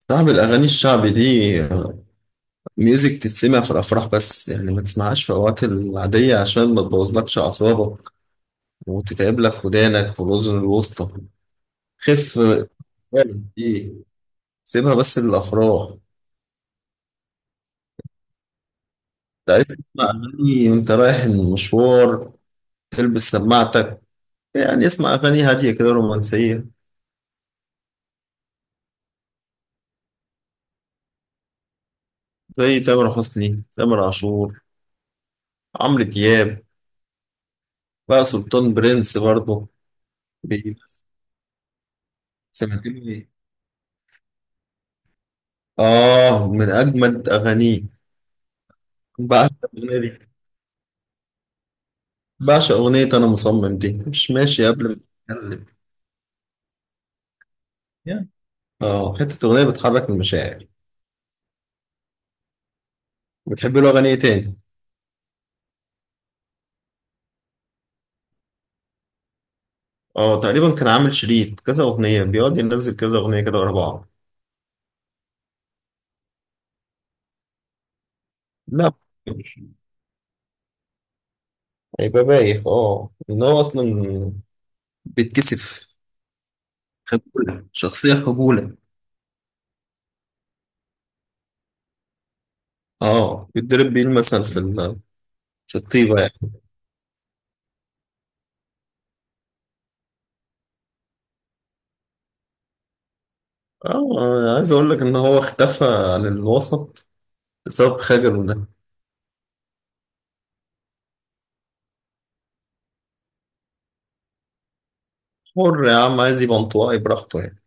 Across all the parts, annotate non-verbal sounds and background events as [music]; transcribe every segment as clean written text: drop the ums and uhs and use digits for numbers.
صعب الأغاني الشعبي دي ميوزك، تسمع في الأفراح بس، يعني ما تسمعهاش في الأوقات العادية عشان ما تبوظلكش أعصابك وتتعب لك ودانك والأذن الوسطى. خف خالص دي، سيبها بس للأفراح. ده عايز تسمع أغاني وأنت رايح المشوار تلبس سماعتك، يعني اسمع أغاني هادية كده رومانسية، زي تامر حسني، تامر عاشور، عمرو دياب، بقى سلطان برنس برضه. بي- سمعتني؟ آه، من أجمد أغانيه. بعشق الأغنية دي، بعشق أغنية أنا مصمم دي. مش ماشي قبل ما تتكلم، يعني آه، حتة أغنية بتحرك المشاعر. بتحب له أغاني إيه تاني؟ آه، تقريبا كان عامل شريط كذا أغنية، بيقعد ينزل كذا أغنية كده ورا بعض. لا، هيبقى بايخ. إن هو أصلا بيتكسف، خجولة، شخصية خجولة. آه، بيتضرب بيه المثل في الطيبة يعني. آه، أنا عايز أقول لك إن هو اختفى عن الوسط بسبب خجله ده. حر يا عم، عايز يبقى انطوائي براحته يعني.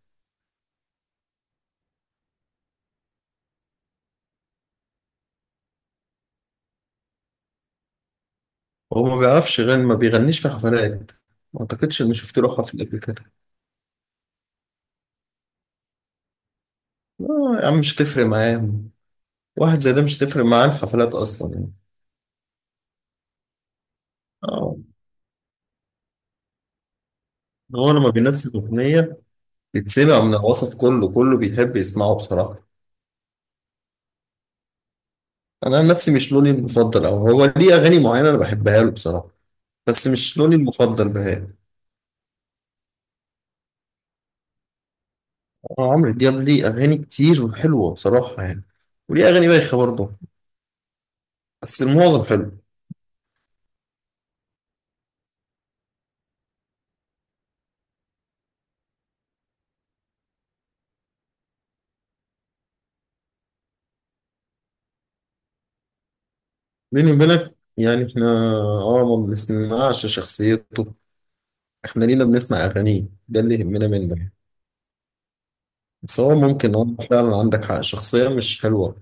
هو ما بيعرفش يغني، ما بيغنيش في حفلات، ما اعتقدش اني شفت له حفل قبل كده. لا يا عم، مش هتفرق معاه، واحد زي ده مش هتفرق معاه الحفلات اصلا يعني. اه، هو لما بينزل اغنيه بتسمع من الوسط كله كله بيحب يسمعه بصراحه. انا عن نفسي مش لوني المفضل، او هو ليه اغاني معينه انا بحبها له بصراحه، بس مش لوني المفضل بهاء. آه، عمرو دياب ليه اغاني كتير وحلوه بصراحه يعني، وليه اغاني بايخه برضه، بس المعظم حلو. بيني وبينك يعني، احنا اه ما بنسمعش شخصيته، احنا لينا بنسمع اغانيه، ده اللي يهمنا منه. بس هو ممكن اه، فعلا عندك حق، شخصية مش حلوة.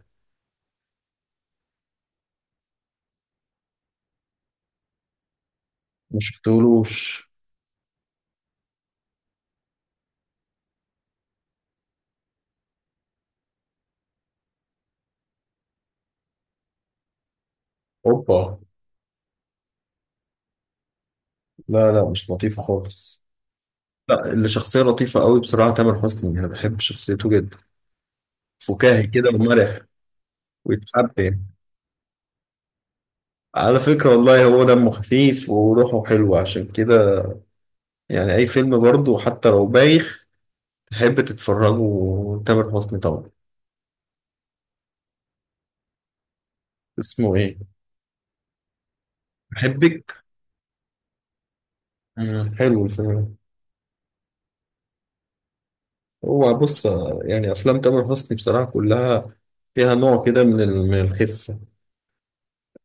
ما شفتهولوش. اوبا، لا لا، مش لطيفة خالص. لا، اللي شخصية لطيفة قوي بصراحة تامر حسني، انا بحب شخصيته جدا. فكاهي كده ومرح، ويتحب يعني. على فكرة والله، هو دمه خفيف وروحه حلوة عشان كده، يعني اي فيلم برضه حتى لو بايخ تحب تتفرجه، تامر حسني طبعا. اسمه ايه؟ أحبك. مم، حلو الفيلم ده. هو بص، يعني افلام تامر حسني بصراحه كلها فيها نوع كده من الخفه.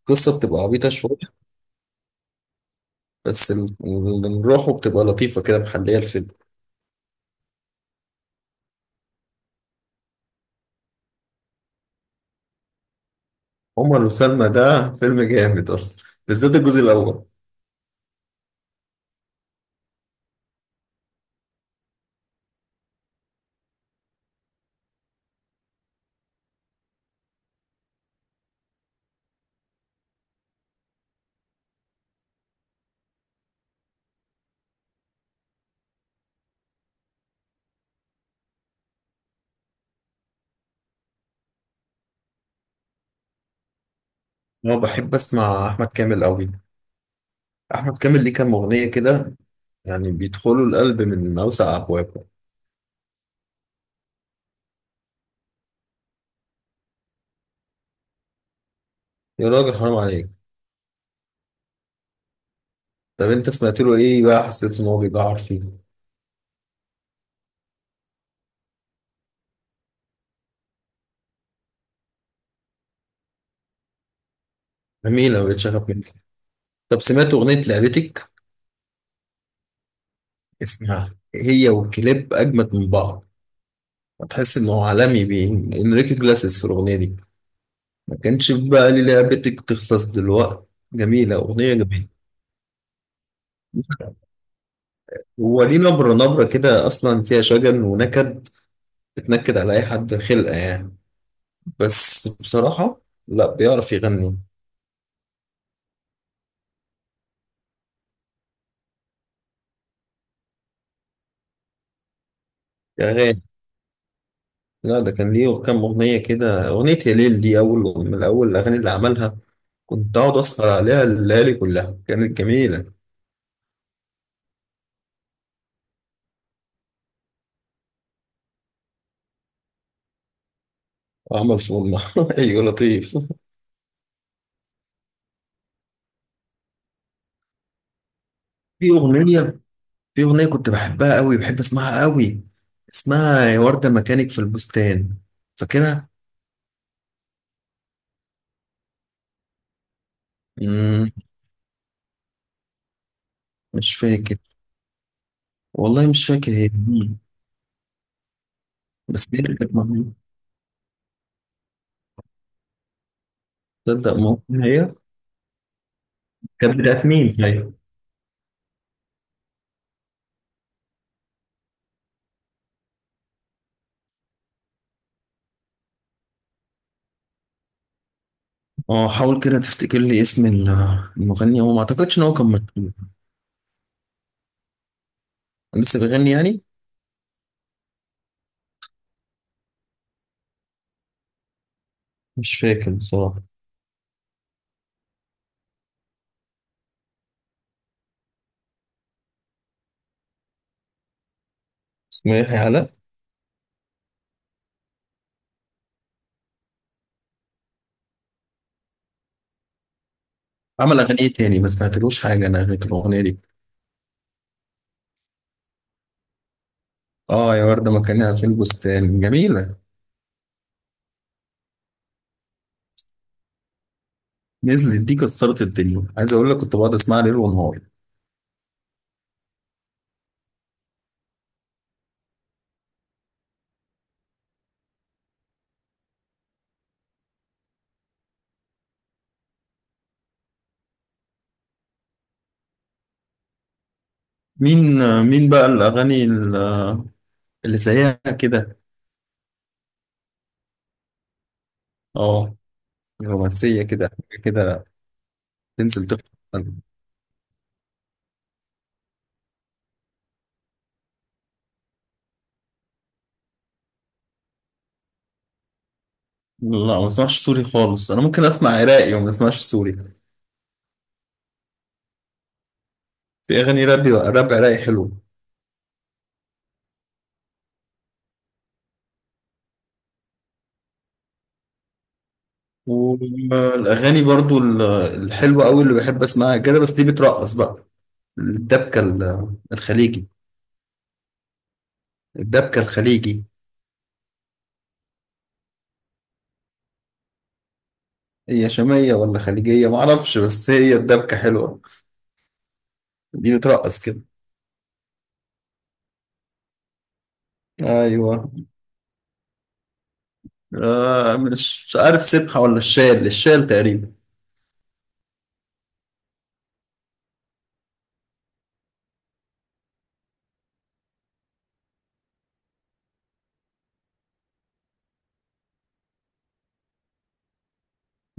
القصه بتبقى عبيطه شويه، بس روحه بتبقى لطيفه كده، محليه الفيلم. عمر وسلمى ده فيلم جامد اصلا، بالذات الجزء الاول. انا بحب اسمع احمد كامل قوي، احمد كامل ليه كام اغنيه كده يعني بيدخلوا القلب من اوسع ابوابه. يا راجل حرام عليك! طب انت سمعت له ايه بقى حسيت ان هو بيجعر فيه؟ جميله، بقيت شغف منك. طب سمعت اغنيه لعبتك؟ اسمها هي، وكليب اجمد من بعض. هتحس انه عالمي بين انريكي جلاسس في الاغنيه دي. ما كانش في بقى لي، لعبتك تخلص دلوقتي. جميله اغنيه جميله. هو ليه نبرة، نبرة كده أصلا فيها شجن ونكد، بتنكد على أي حد خلقة يعني. بس بصراحة لا، بيعرف يغني. أغاني؟ لا ده كان ليه كام أغنية كده، أغنية يا ليل دي أول من أول الأغاني اللي عملها، كنت أقعد أسهر عليها الليالي كلها، كانت جميلة. وعمل فورمة [laughs] أيوة لطيف. في أغنية، في أغنية كنت بحبها قوي، بحب أسمعها قوي، اسمها يا وردة مكانك في البستان، فاكرها؟ مم، مش فاكر. والله مش فاكر هي مين. بس هي اللي كانت معمولة. تصدق ممكن هي. كانت بتاعت مين؟ أيوه، اه حاول كده تفتكر لي اسم المغني. هو ما أعتقدش إن هو كان مكتوب. لسه بيغني يعني؟ مش فاكر بصراحة. اسمه يحيى علاء. عمل أغنية تاني ما سمعتلوش حاجة أنا غير الأغنية دي. اه، يا وردة مكانها في البستان جميلة، نزلت دي كسرت الدنيا، عايز اقول لك كنت بقعد اسمعها ليل ونهار. مين؟ مين بقى الاغاني اللي زيها كده؟ اه، رومانسيه كده، حاجة كده تنزل تخطف القلب. لا، ما بسمعش سوري خالص، انا ممكن اسمع عراقي وما بسمعش سوري. في اغاني راب، راب عراقي حلو. والاغاني برضو الحلوه قوي اللي بحب اسمعها كده، بس دي بترقص بقى، الدبكه الخليجي. الدبكه الخليجي، هي شاميه ولا خليجيه ما اعرفش، بس هي الدبكه حلوه، دي بترقص كده. ايوه، آه مش، مش عارف سبحة ولا الشال، الشال تقريبا.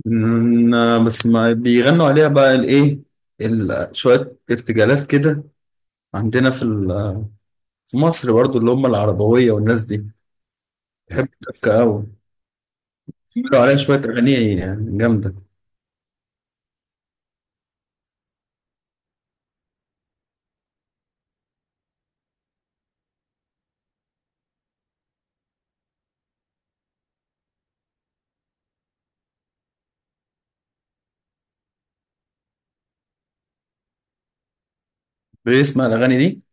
مم، آه، بس ما بيغنوا عليها بقى الايه، شوية ارتجالات كده. عندنا في مصر برضو، اللي هم العربوية والناس دي بيحبوا الشبكة قوي، بيعملوا عليها شوية أغاني يعني جامدة. بيسمع الأغاني دي.